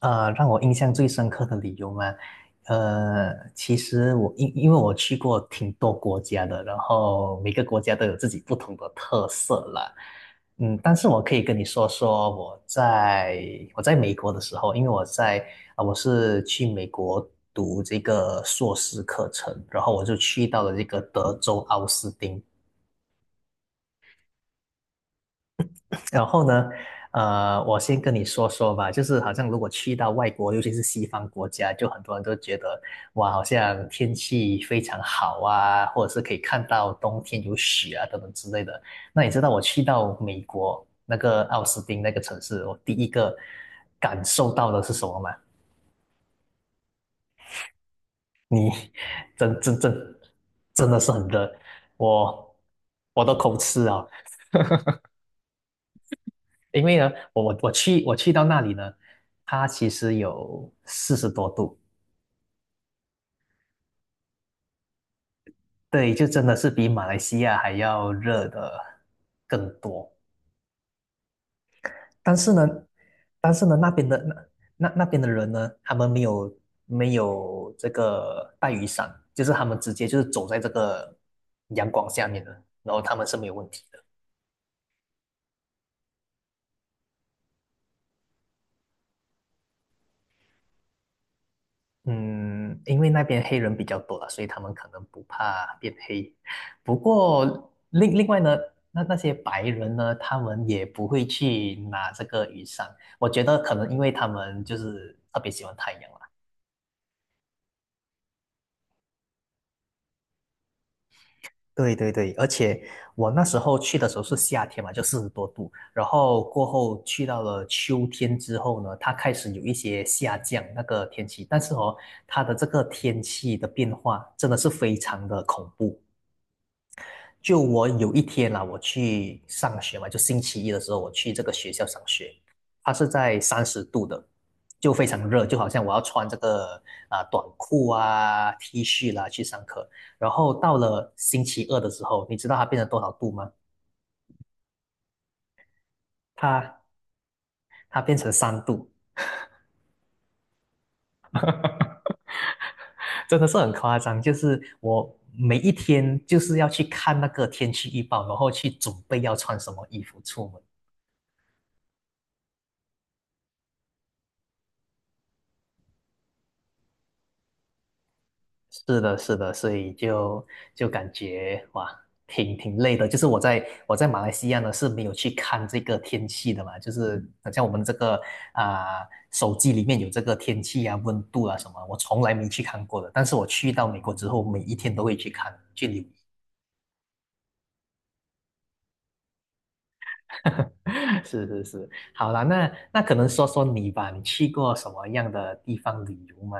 让我印象最深刻的理由嘛，其实我因为我去过挺多国家的，然后每个国家都有自己不同的特色啦。嗯，但是我可以跟你说说我在美国的时候，因为我在啊、我是去美国读这个硕士课程，然后我就去到了这个德州奥斯汀。然后呢，我先跟你说说吧，就是好像如果去到外国，尤其是西方国家，就很多人都觉得哇，好像天气非常好啊，或者是可以看到冬天有雪啊等等之类的。那你知道我去到美国那个奥斯汀那个城市，我第一个感受到的是什么吗？你 真真真真的是很热，我我都口吃啊。因为呢，我去到那里呢，它其实有四十多度。对，就真的是比马来西亚还要热的更多。但是呢，但是呢，那边的那边的人呢，他们没有这个带雨伞，就是他们直接就是走在这个阳光下面的，然后他们是没有问题的。嗯，因为那边黑人比较多了，所以他们可能不怕变黑。不过另外呢，那些白人呢，他们也不会去拿这个雨伞。我觉得可能因为他们就是特别喜欢太阳啦。对对对，而且我那时候去的时候是夏天嘛，就四十多度，然后过后去到了秋天之后呢，它开始有一些下降那个天气，但是哦，它的这个天气的变化真的是非常的恐怖。就我有一天啦，我去上学嘛，就星期一的时候，我去这个学校上学，它是在30度的，就非常热，就好像我要穿这个啊、短裤啊、T 恤啦去上课。然后到了星期二的时候，你知道它变成多少度吗？它它变成3度，真的是很夸张。就是我每一天就是要去看那个天气预报，然后去准备要穿什么衣服出门。是的，是的，所以就感觉哇，挺累的。就是我在马来西亚呢是没有去看这个天气的嘛，就是好像我们这个啊、手机里面有这个天气啊、温度啊什么，我从来没去看过的。但是我去到美国之后，每一天都会去看，去留意。是是是，好啦，那可能说说你吧，你去过什么样的地方旅游吗？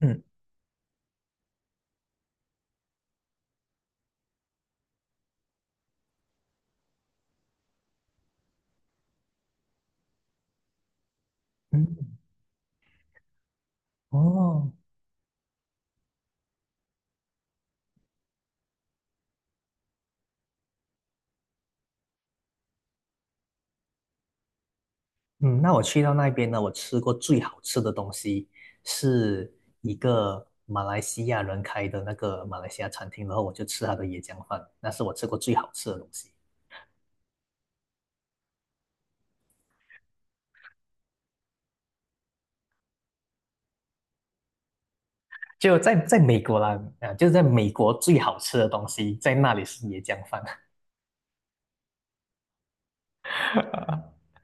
嗯嗯，哦，嗯，那我去到那边呢，我吃过最好吃的东西是一个马来西亚人开的那个马来西亚餐厅，然后我就吃他的椰浆饭，那是我吃过最好吃的东西。就在美国啦，啊，就是在美国最好吃的东西，在那里是椰浆饭。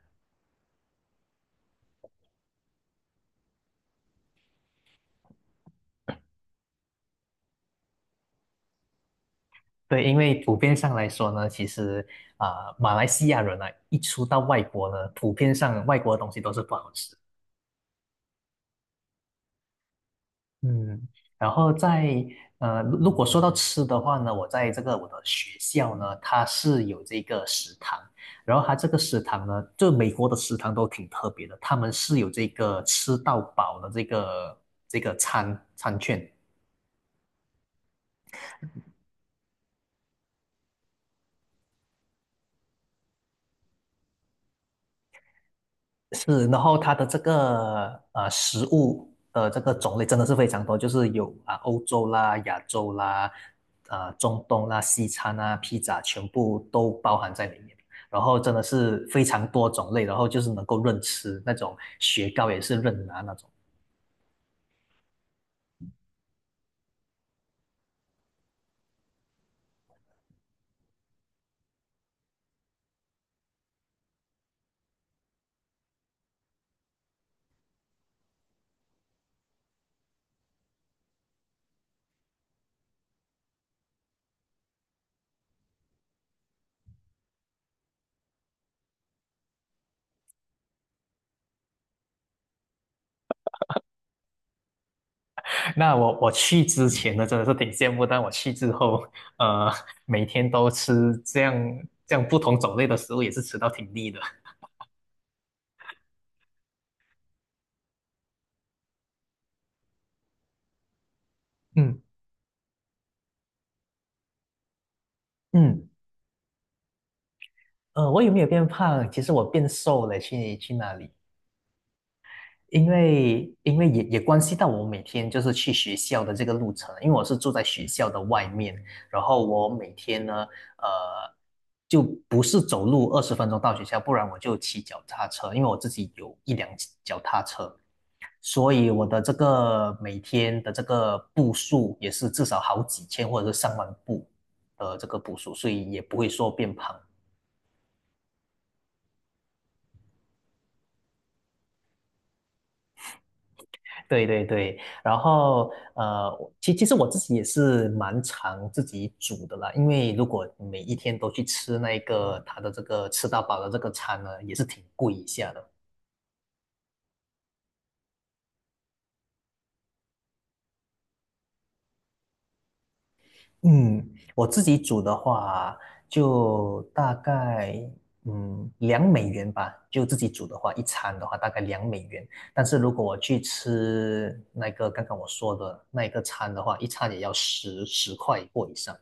对，因为普遍上来说呢，其实啊、马来西亚人啊，一出到外国呢，普遍上外国的东西都是不好吃。嗯，然后如果说到吃的话呢，我在这个我的学校呢，它是有这个食堂，然后它这个食堂呢，就美国的食堂都挺特别的，他们是有这个吃到饱的这个餐券。是，然后它的这个食物的这个种类真的是非常多，就是有啊、欧洲啦、亚洲啦、啊、中东啦、西餐啊、披萨，全部都包含在里面。然后真的是非常多种类，然后就是能够任吃那种雪糕也是任拿那种。那我去之前呢，真的是挺羡慕，但我去之后，呃，每天都吃这样不同种类的食物，也是吃到挺腻的。嗯嗯，我有没有变胖？其实我变瘦了，去那里，因为也关系到我每天就是去学校的这个路程，因为我是住在学校的外面，然后我每天呢，呃，就不是走路20分钟到学校，不然我就骑脚踏车，因为我自己有一辆脚踏车，所以我的这个每天的这个步数也是至少好几千或者是上万步的这个步数，所以也不会说变胖。对对对，然后我其实我自己也是蛮常自己煮的啦，因为如果每一天都去吃那个它的这个吃到饱的这个餐呢，也是挺贵一下的。嗯，我自己煮的话，就大概两美元吧，就自己煮的话，一餐的话大概两美元。但是如果我去吃那个刚刚我说的那一个餐的话，一餐也要10块或以上。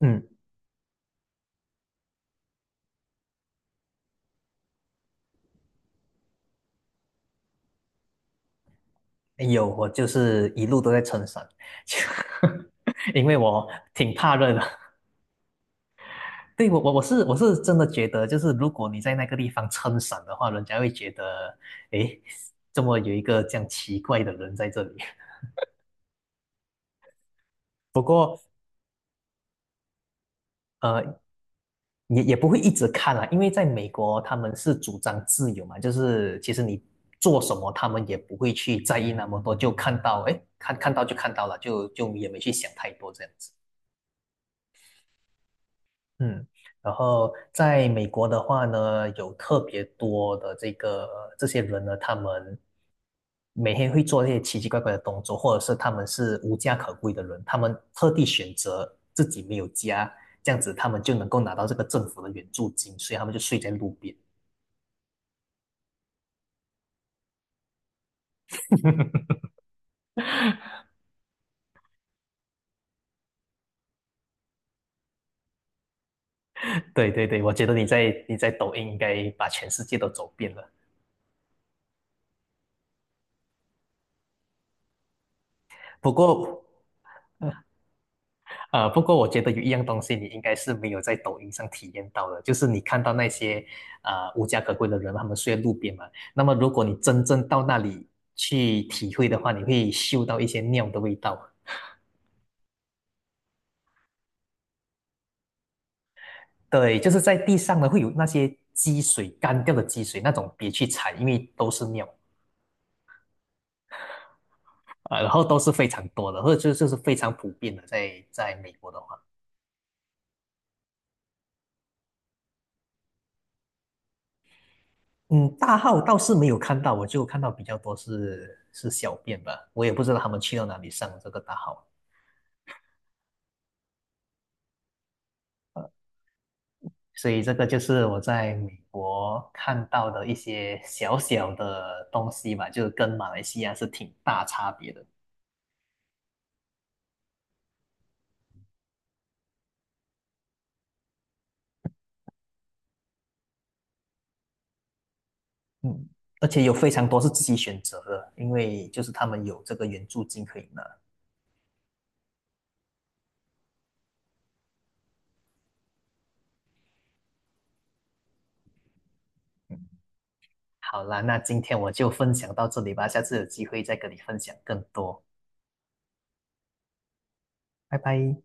嗯。有，我就是一路都在撑伞，就因为我挺怕热的。对，我是真的觉得，就是如果你在那个地方撑伞的话，人家会觉得，诶，怎么有一个这样奇怪的人在这里？不过，呃，也不会一直看啊，因为在美国他们是主张自由嘛，就是其实你做什么，他们也不会去在意那么多，就看到，诶，看到就看到了，就也没去想太多这样子。嗯，然后在美国的话呢，有特别多的这些人呢，他们每天会做一些奇奇怪怪的动作，或者是他们是无家可归的人，他们特地选择自己没有家，这样子他们就能够拿到这个政府的援助金，所以他们就睡在路边。对对对，我觉得你在抖音应该把全世界都走遍了。不过，不过我觉得有一样东西你应该是没有在抖音上体验到的，就是你看到那些无家可归的人，他们睡在路边嘛。那么如果你真正到那里去体会的话，你会嗅到一些尿的味道。对，就是在地上呢会有那些积水，干掉的积水，那种别去踩，因为都是尿啊、然后都是非常多的，或者就是非常普遍的，在美国的话。嗯，大号倒是没有看到，我就看到比较多是小便吧，我也不知道他们去到哪里上这个大号。所以这个就是我在美国看到的一些小小的东西吧，就是跟马来西亚是挺大差别的。嗯，而且有非常多是自己选择的，因为就是他们有这个援助金可以拿。好啦，那今天我就分享到这里吧，下次有机会再跟你分享更多，拜拜。